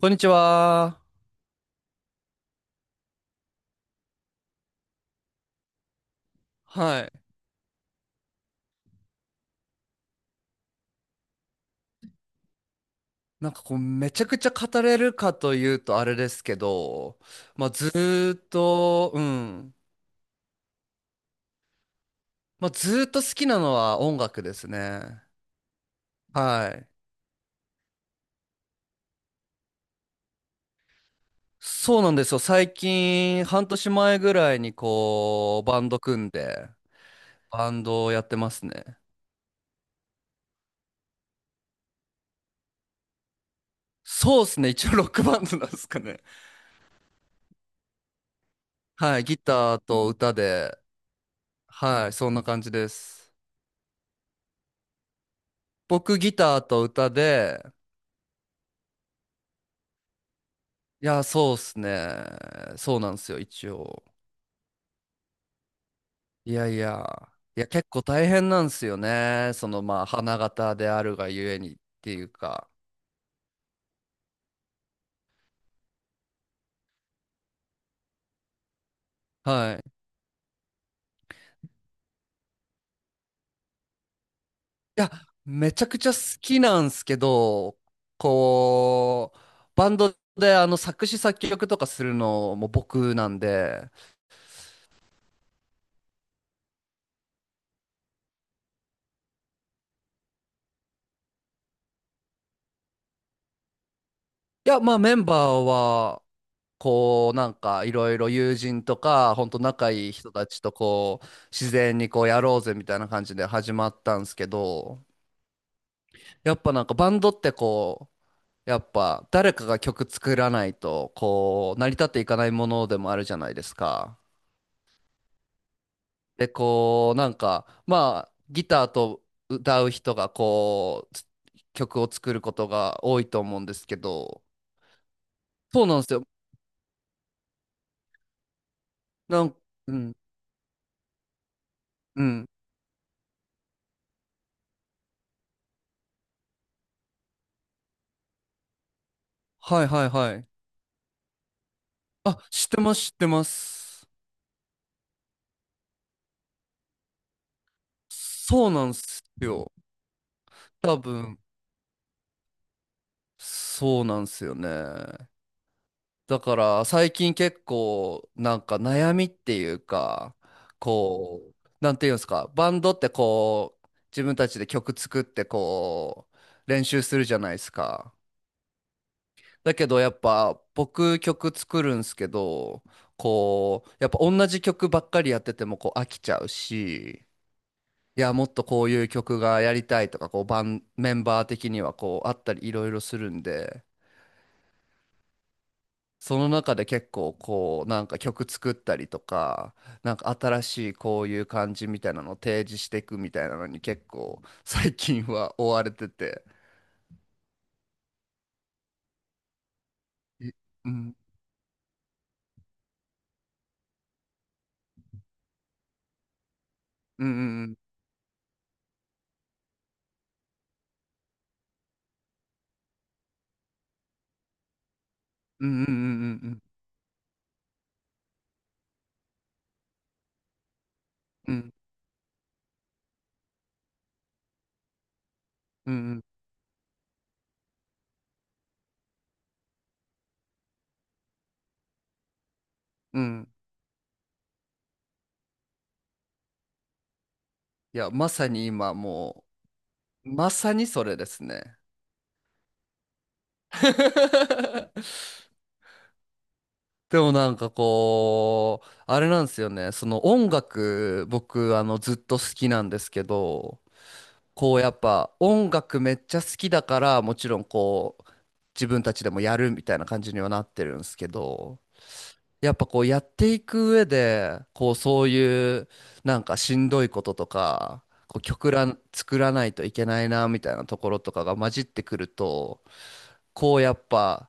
こんにちは。はい。なんかこう、めちゃくちゃ語れるかというとあれですけど、まあずーっと、うん。まあずーっと好きなのは音楽ですね。はい。そうなんですよ。最近、半年前ぐらいにこう、バンド組んで、バンドをやってますね。そうですね。一応ロックバンドなんですかね。はい。ギターと歌で、はい。そんな感じです。僕ギターと歌で、いや、そうっすね。そうなんですよ、一応。いやいや。いや、結構大変なんですよね。その、まあ、花形であるがゆえにっていうか。はい。いや、めちゃくちゃ好きなんすけど、こう、バンドで作詞作曲とかするのも僕なんで、いや、まあメンバーは、こう、なんかいろいろ友人とか、ほんと仲いい人たちとこう、自然にこうやろうぜみたいな感じで始まったんですけど、やっぱなんかバンドってこう、やっぱ誰かが曲作らないとこう成り立っていかないものでもあるじゃないですか。で、こうなんかまあギターと歌う人がこう曲を作ることが多いと思うんですけど、そうなんですよ。なん、うん、うん。はいはいはい。あ、知ってます知ってます。そうなんですよ。多分、そうなんですよね。だから最近結構なんか悩みっていうか、こうなんていうんですか、バンドってこう自分たちで曲作ってこう練習するじゃないですか。だけどやっぱ僕曲作るんすけど、こうやっぱ同じ曲ばっかりやっててもこう飽きちゃうし、いやもっとこういう曲がやりたいとか、こうメンバー的にはこうあったりいろいろするんで。その中で結構こうなんか曲作ったりとか、なんか新しいこういう感じみたいなのを提示していくみたいなのに結構最近は追われてて。えうんうんうんうんうんうんうんうんうんうんうん。いや、まさに今も。まさにそれですね。でもなんかこうあれなんですよね、その音楽僕ずっと好きなんですけど、こうやっぱ音楽めっちゃ好きだからもちろんこう自分たちでもやるみたいな感じにはなってるんですけど、やっぱこうやっていく上でこうそういうなんかしんどいこととか、こう曲作らないといけないなみたいなところとかが混じってくると、こうやっぱ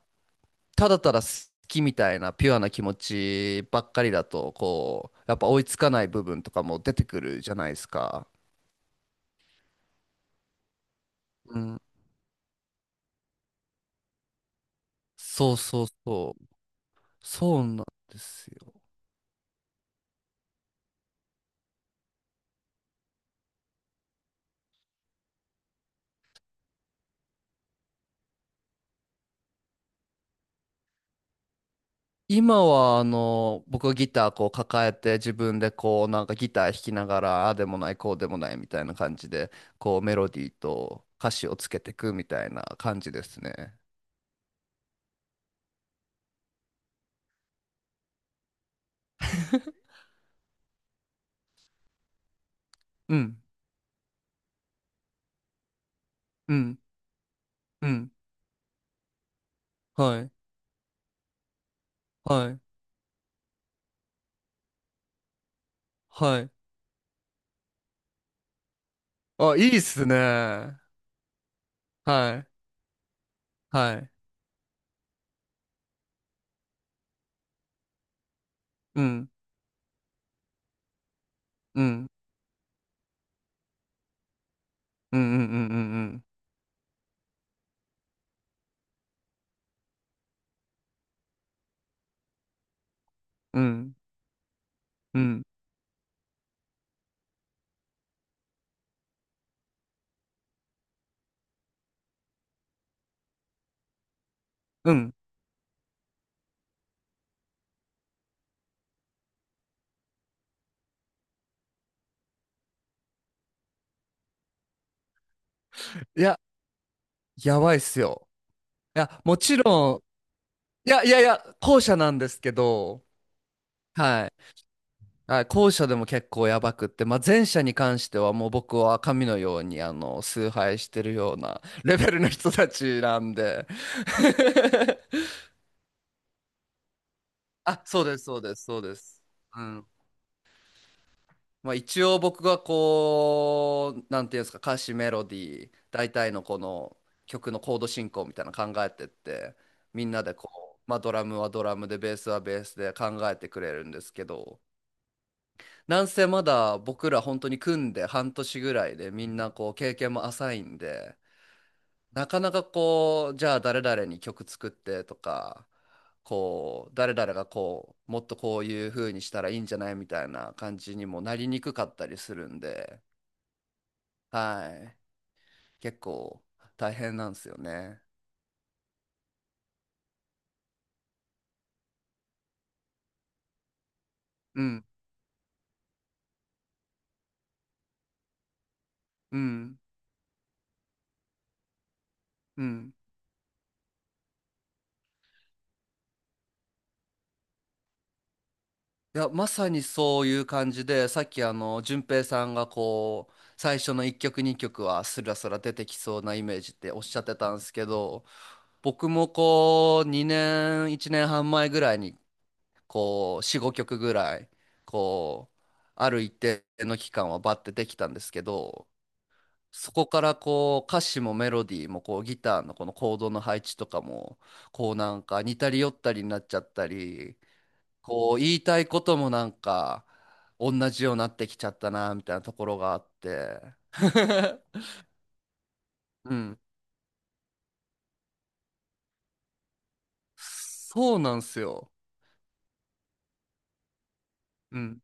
ただただ好きみたいなピュアな気持ちばっかりだとこうやっぱ追いつかない部分とかも出てくるじゃないですか。うん、そうそうそう、そうなんですよ。今は僕はギターこう抱えて自分でこうなんかギター弾きながらああでもないこうでもないみたいな感じで、こうメロディーと歌詞をつけていくみたいな感じですね。うんうんうん。はいはいはい。あ、いいっすね。はいはい。うんうんうんうんうんうんうんうんうん。いや、やばいっすよ。いやもちろんいやいやいや、後者なんですけど。はい。あ、後者でも結構やばくって、まあ、前者に関してはもう僕は神のように崇拝してるような レベルの人たちなんで あ、そうです、そうです、そうです。うん。まあ、一応僕がこう、なんていうんですか、歌詞、メロディー、大体のこの曲のコード進行みたいなの考えてって、みんなでこう、まあ、ドラムはドラムで、ベースはベースで考えてくれるんですけど、なんせまだ僕ら本当に組んで半年ぐらいでみんなこう経験も浅いんで、なかなかこう、じゃあ誰々に曲作ってとか、こう、誰々がこう、もっとこういう風にしたらいいんじゃないみたいな感じにもなりにくかったりするんで、はい。結構大変なんですよね。うん、うん、うん。いや、まさにそういう感じで、さっき淳平さんがこう、最初の1曲2曲はスラスラ出てきそうなイメージっておっしゃってたんですけど、僕もこう、2年、1年半前ぐらいに、こう、4、5曲ぐらい、こう、ある一定の期間はバッてできたんですけど、そこからこう、歌詞もメロディーもこう、ギターのこのコードの配置とかも、こうなんか似たり寄ったりになっちゃったり、こう言いたいこともなんか同じようになってきちゃったなみたいなところがあって。 うん、そうなんすよ。うん、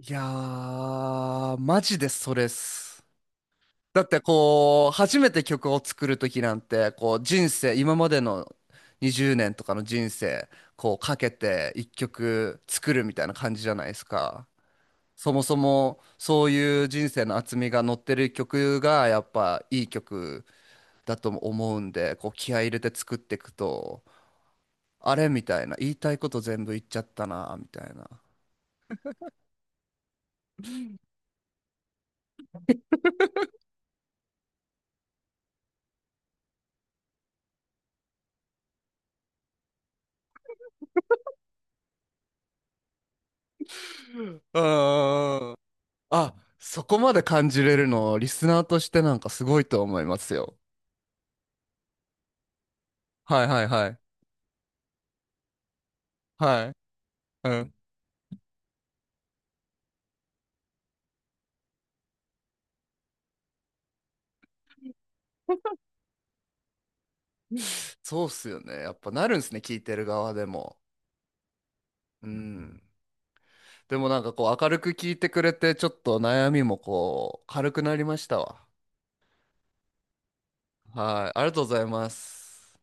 いやーマジでそれっす。だってこう初めて曲を作る時なんてこう、人生今までの20年とかの人生こうかけて1曲作るみたいな感じじゃないですか。そもそもそういう人生の厚みが乗ってる曲がやっぱいい曲だと思うんで、こう気合い入れて作っていくと、あれみたいな、言いたいこと全部言っちゃったな、みたいな。うーん。あ、そこまで感じれるの、リスナーとしてなんかすごいと思いますよ。はいはいはい。はい。うん。そうっすよね。やっぱなるんすね、聞いてる側でも。うん。でもなんかこう明るく聞いてくれて、ちょっと悩みもこう軽くなりましたわ。はい。ありがとうございます。